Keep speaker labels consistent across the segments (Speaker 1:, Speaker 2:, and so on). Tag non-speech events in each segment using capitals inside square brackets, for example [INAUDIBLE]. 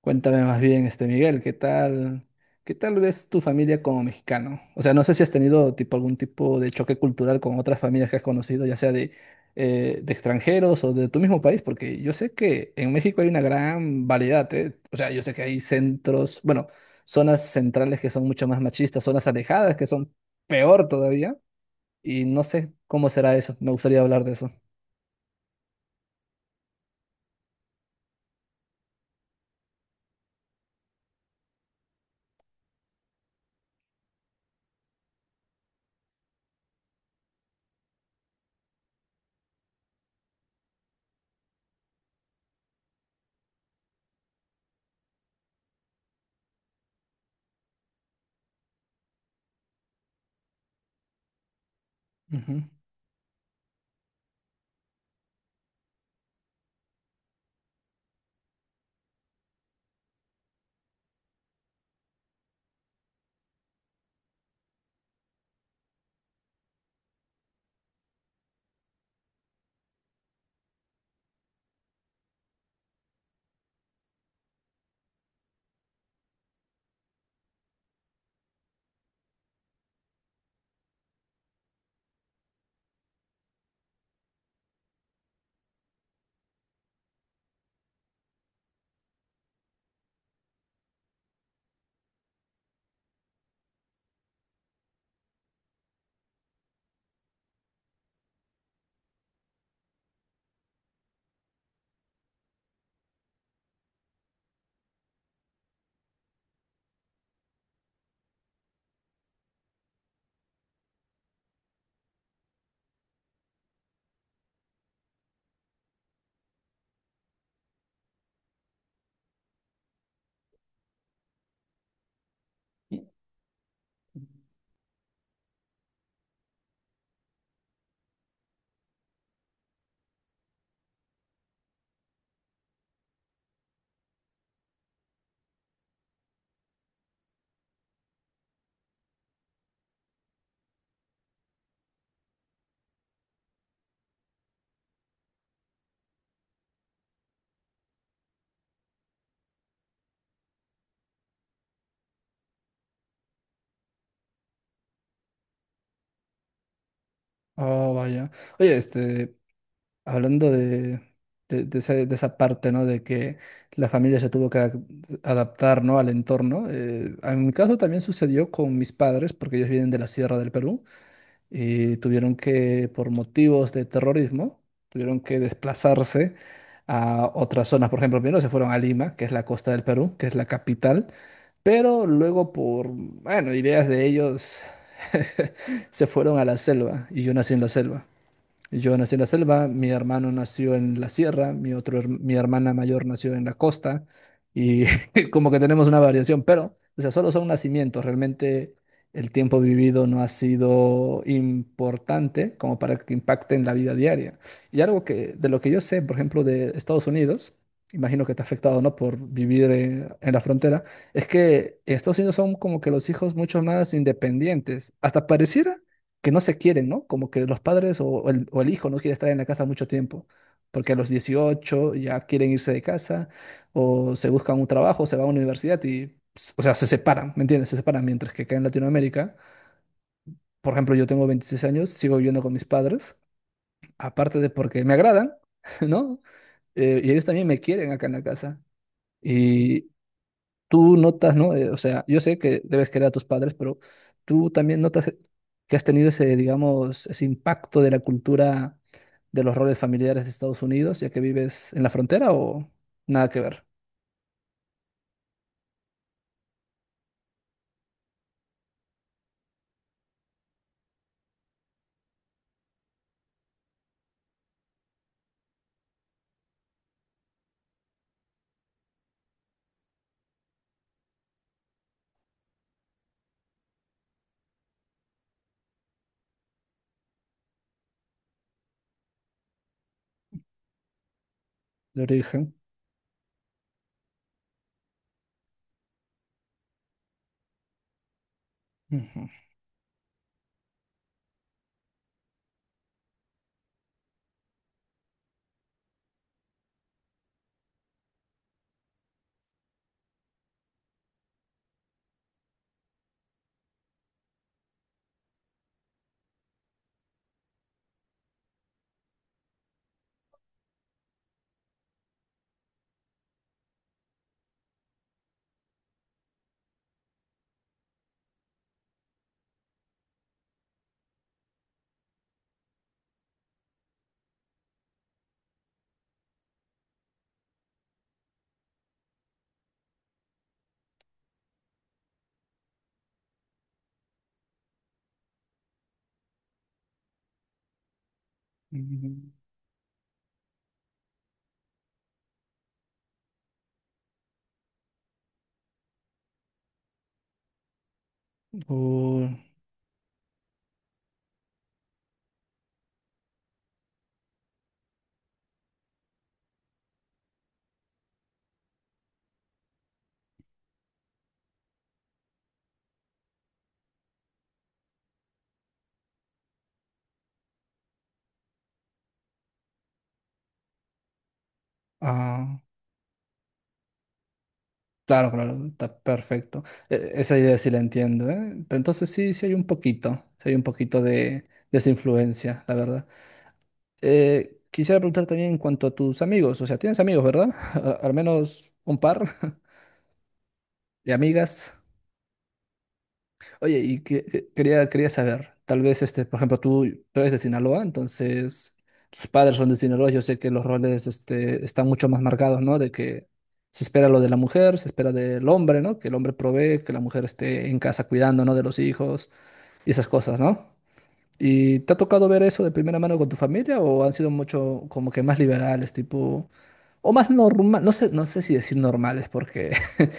Speaker 1: Cuéntame más bien, Miguel, ¿qué tal? ¿Qué tal ves tu familia como mexicano? O sea, no sé si has tenido tipo algún tipo de choque cultural con otras familias que has conocido, ya sea de extranjeros o de tu mismo país, porque yo sé que en México hay una gran variedad, ¿eh? O sea, yo sé que hay centros, bueno, zonas centrales que son mucho más machistas, zonas alejadas que son peor todavía, y no sé cómo será eso. Me gustaría hablar de eso. Ujú. Oh, vaya. Oye, hablando de esa, de esa parte, ¿no? De que la familia se tuvo que adaptar, ¿no? Al entorno. En mi caso también sucedió con mis padres, porque ellos vienen de la Sierra del Perú, y tuvieron que, por motivos de terrorismo, tuvieron que desplazarse a otras zonas. Por ejemplo, primero se fueron a Lima, que es la costa del Perú, que es la capital, pero luego por, bueno, ideas de ellos, [LAUGHS] se fueron a la selva, y yo nací en la selva. Yo nací en la selva, mi hermano nació en la sierra, mi hermana mayor nació en la costa y [LAUGHS] como que tenemos una variación, pero, o sea, solo son nacimientos, realmente el tiempo vivido no ha sido importante como para que impacte en la vida diaria. Y algo que, de lo que yo sé, por ejemplo, de Estados Unidos, imagino que te ha afectado, ¿no? Por vivir en la frontera, es que en Estados Unidos son como que los hijos mucho más independientes, hasta pareciera que no se quieren, ¿no? Como que los padres o el hijo no quiere estar en la casa mucho tiempo, porque a los 18 ya quieren irse de casa o se buscan un trabajo, se van a una universidad y, pues, o sea, se separan, ¿me entiendes? Se separan, mientras que acá en Latinoamérica, por ejemplo, yo tengo 26 años, sigo viviendo con mis padres, aparte de porque me agradan, [LAUGHS] ¿no? Y ellos también me quieren acá en la casa. Y tú notas, ¿no? O sea, yo sé que debes querer a tus padres, pero tú también notas que has tenido ese, digamos, ese impacto de la cultura de los roles familiares de Estados Unidos, ya que vives en la frontera o nada que ver de origen. Ujú. Mm, o- ah, claro, claro, está perfecto. Esa idea sí la entiendo, ¿eh? Pero entonces sí, sí hay un poquito, sí hay un poquito de esa influencia, la verdad. Quisiera preguntar también en cuanto a tus amigos, o sea, tienes amigos, ¿verdad? [LAUGHS] Al menos un par [LAUGHS] de amigas. Oye, y quería saber, tal vez, por ejemplo, tú eres de Sinaloa, entonces tus padres son de Sinaloa, yo sé que los roles, están mucho más marcados, ¿no? De que se espera lo de la mujer, se espera del hombre, ¿no? Que el hombre provee, que la mujer esté en casa cuidando, ¿no? De los hijos y esas cosas, ¿no? ¿Y te ha tocado ver eso de primera mano con tu familia o han sido mucho como que más liberales, tipo, o más normal, no sé, no sé si decir normales porque, [LAUGHS]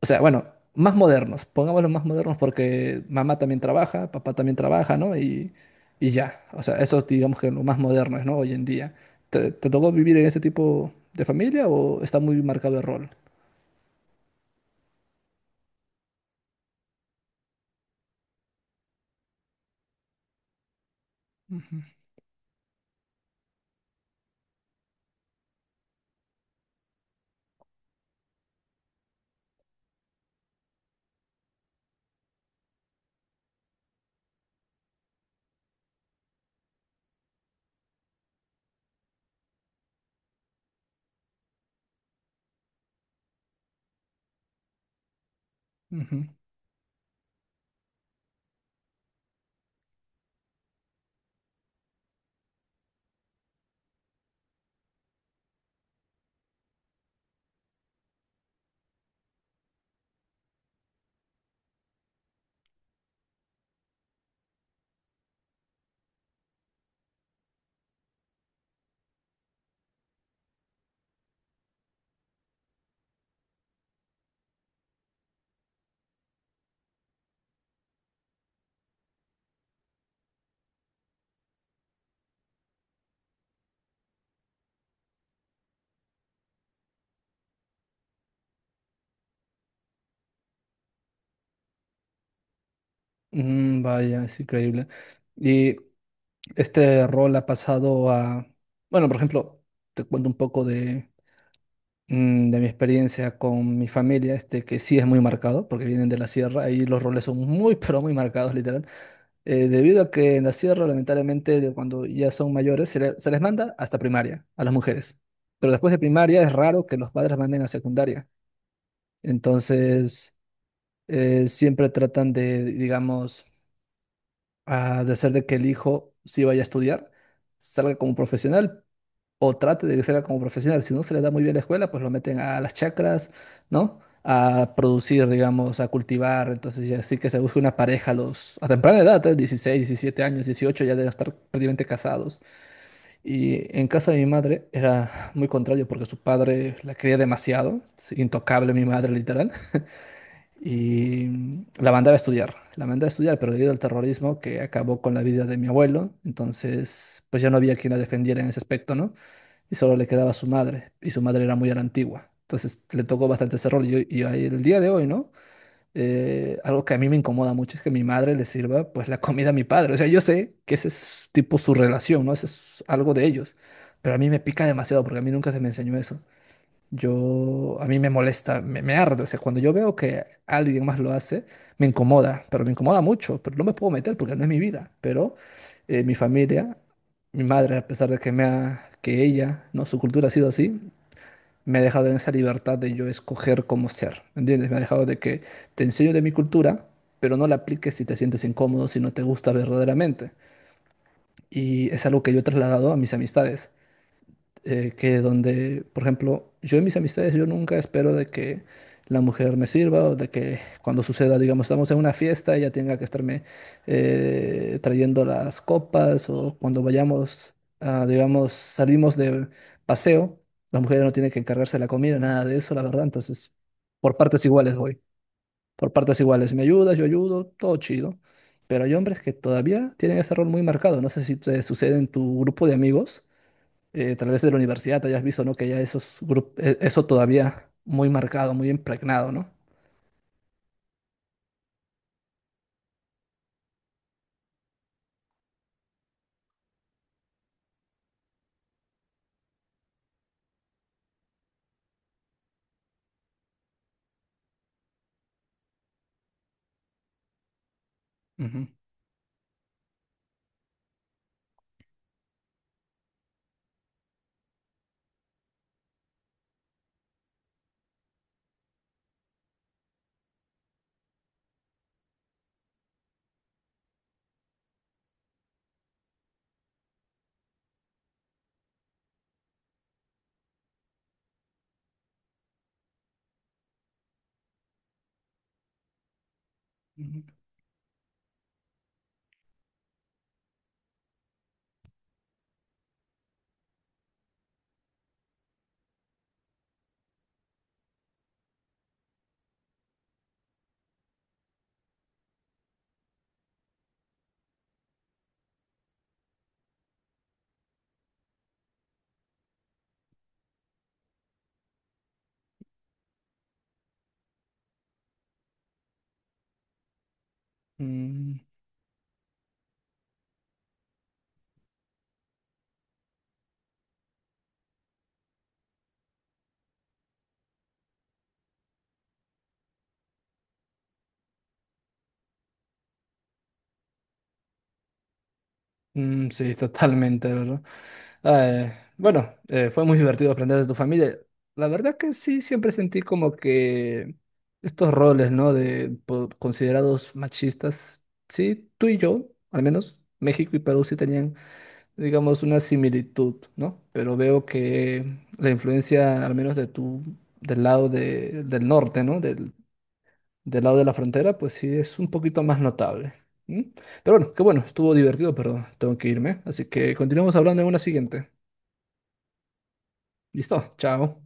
Speaker 1: o sea, bueno, más modernos, pongámoslo más modernos porque mamá también trabaja, papá también trabaja, ¿no? Y ya, o sea, eso digamos que lo más moderno es, ¿no? Hoy en día. ¿Te tocó vivir en ese tipo de familia o está muy marcado el rol? Ujú, ujú. Mm, vaya, es increíble. Y este rol ha pasado a, bueno, por ejemplo, te cuento un poco de, mm, de mi experiencia con mi familia, este que sí es muy marcado, porque vienen de la sierra, ahí los roles son muy, [LAUGHS] pero muy marcados, literal. Debido a que en la sierra, lamentablemente, de cuando ya son mayores, se les manda hasta primaria a las mujeres. Pero después de primaria es raro que los padres manden a secundaria. Entonces, siempre tratan de, digamos, ah, de hacer de que el hijo sí vaya a estudiar, salga como profesional, o trate de que sea como profesional. Si no se le da muy bien la escuela, pues lo meten a las chacras, ¿no? A producir, digamos, a cultivar. Entonces, ya sí que se busca una pareja a los, a temprana edad, ¿eh? 16, 17 años, 18, ya deben estar prácticamente casados. Y en casa de mi madre era muy contrario porque su padre la quería demasiado, sí, intocable mi madre, literal. Y la mandaba a estudiar, la mandaba a estudiar, pero debido al terrorismo que acabó con la vida de mi abuelo, entonces pues ya no había quien la defendiera en ese aspecto, ¿no? Y solo le quedaba su madre, y su madre era muy a la antigua. Entonces le tocó bastante ese rol. Y, el día de hoy, ¿no? Algo que a mí me incomoda mucho es que mi madre le sirva pues la comida a mi padre. O sea, yo sé que ese es tipo su relación, ¿no? Ese es algo de ellos. Pero a mí me pica demasiado porque a mí nunca se me enseñó eso. A mí me molesta, me arde. O sea, cuando yo veo que alguien más lo hace, me incomoda, pero me incomoda mucho, pero no me puedo meter porque no es mi vida. Pero mi familia, mi madre, a pesar de que ella, no, su cultura ha sido así, me ha dejado en esa libertad de yo escoger cómo ser, ¿me ¿entiendes? Me ha dejado de que te enseño de mi cultura, pero no la apliques si te sientes incómodo, si no te gusta verdaderamente. Y es algo que yo he trasladado a mis amistades, que donde, por ejemplo, yo en mis amistades, yo nunca espero de que la mujer me sirva o de que cuando suceda, digamos, estamos en una fiesta, ella tenga que estarme trayendo las copas o cuando vayamos, a, digamos, salimos de paseo, la mujer no tiene que encargarse de la comida, nada de eso, la verdad. Entonces, por partes iguales voy, por partes iguales, me ayudas, yo ayudo, todo chido. Pero hay hombres que todavía tienen ese rol muy marcado. No sé si te sucede en tu grupo de amigos, tal vez de la universidad, te hayas visto, ¿no? Que ya esos grupos, eso todavía muy marcado, muy impregnado, no. Ujú, ujú. Mm, sí, totalmente, ¿verdad? Eh, bueno, fue muy divertido aprender de tu familia. La verdad que sí, siempre sentí como que estos roles, ¿no? De considerados machistas, sí, tú y yo, al menos, México y Perú sí tenían digamos, una similitud, ¿no? Pero veo que la influencia, al menos de tu, del norte, ¿no? Del, del lado de la frontera, pues sí es un poquito más notable. ¿Mm? Pero bueno, qué bueno, estuvo divertido, pero tengo que irme. Así que continuamos hablando en una siguiente. ¿Listo? Chao.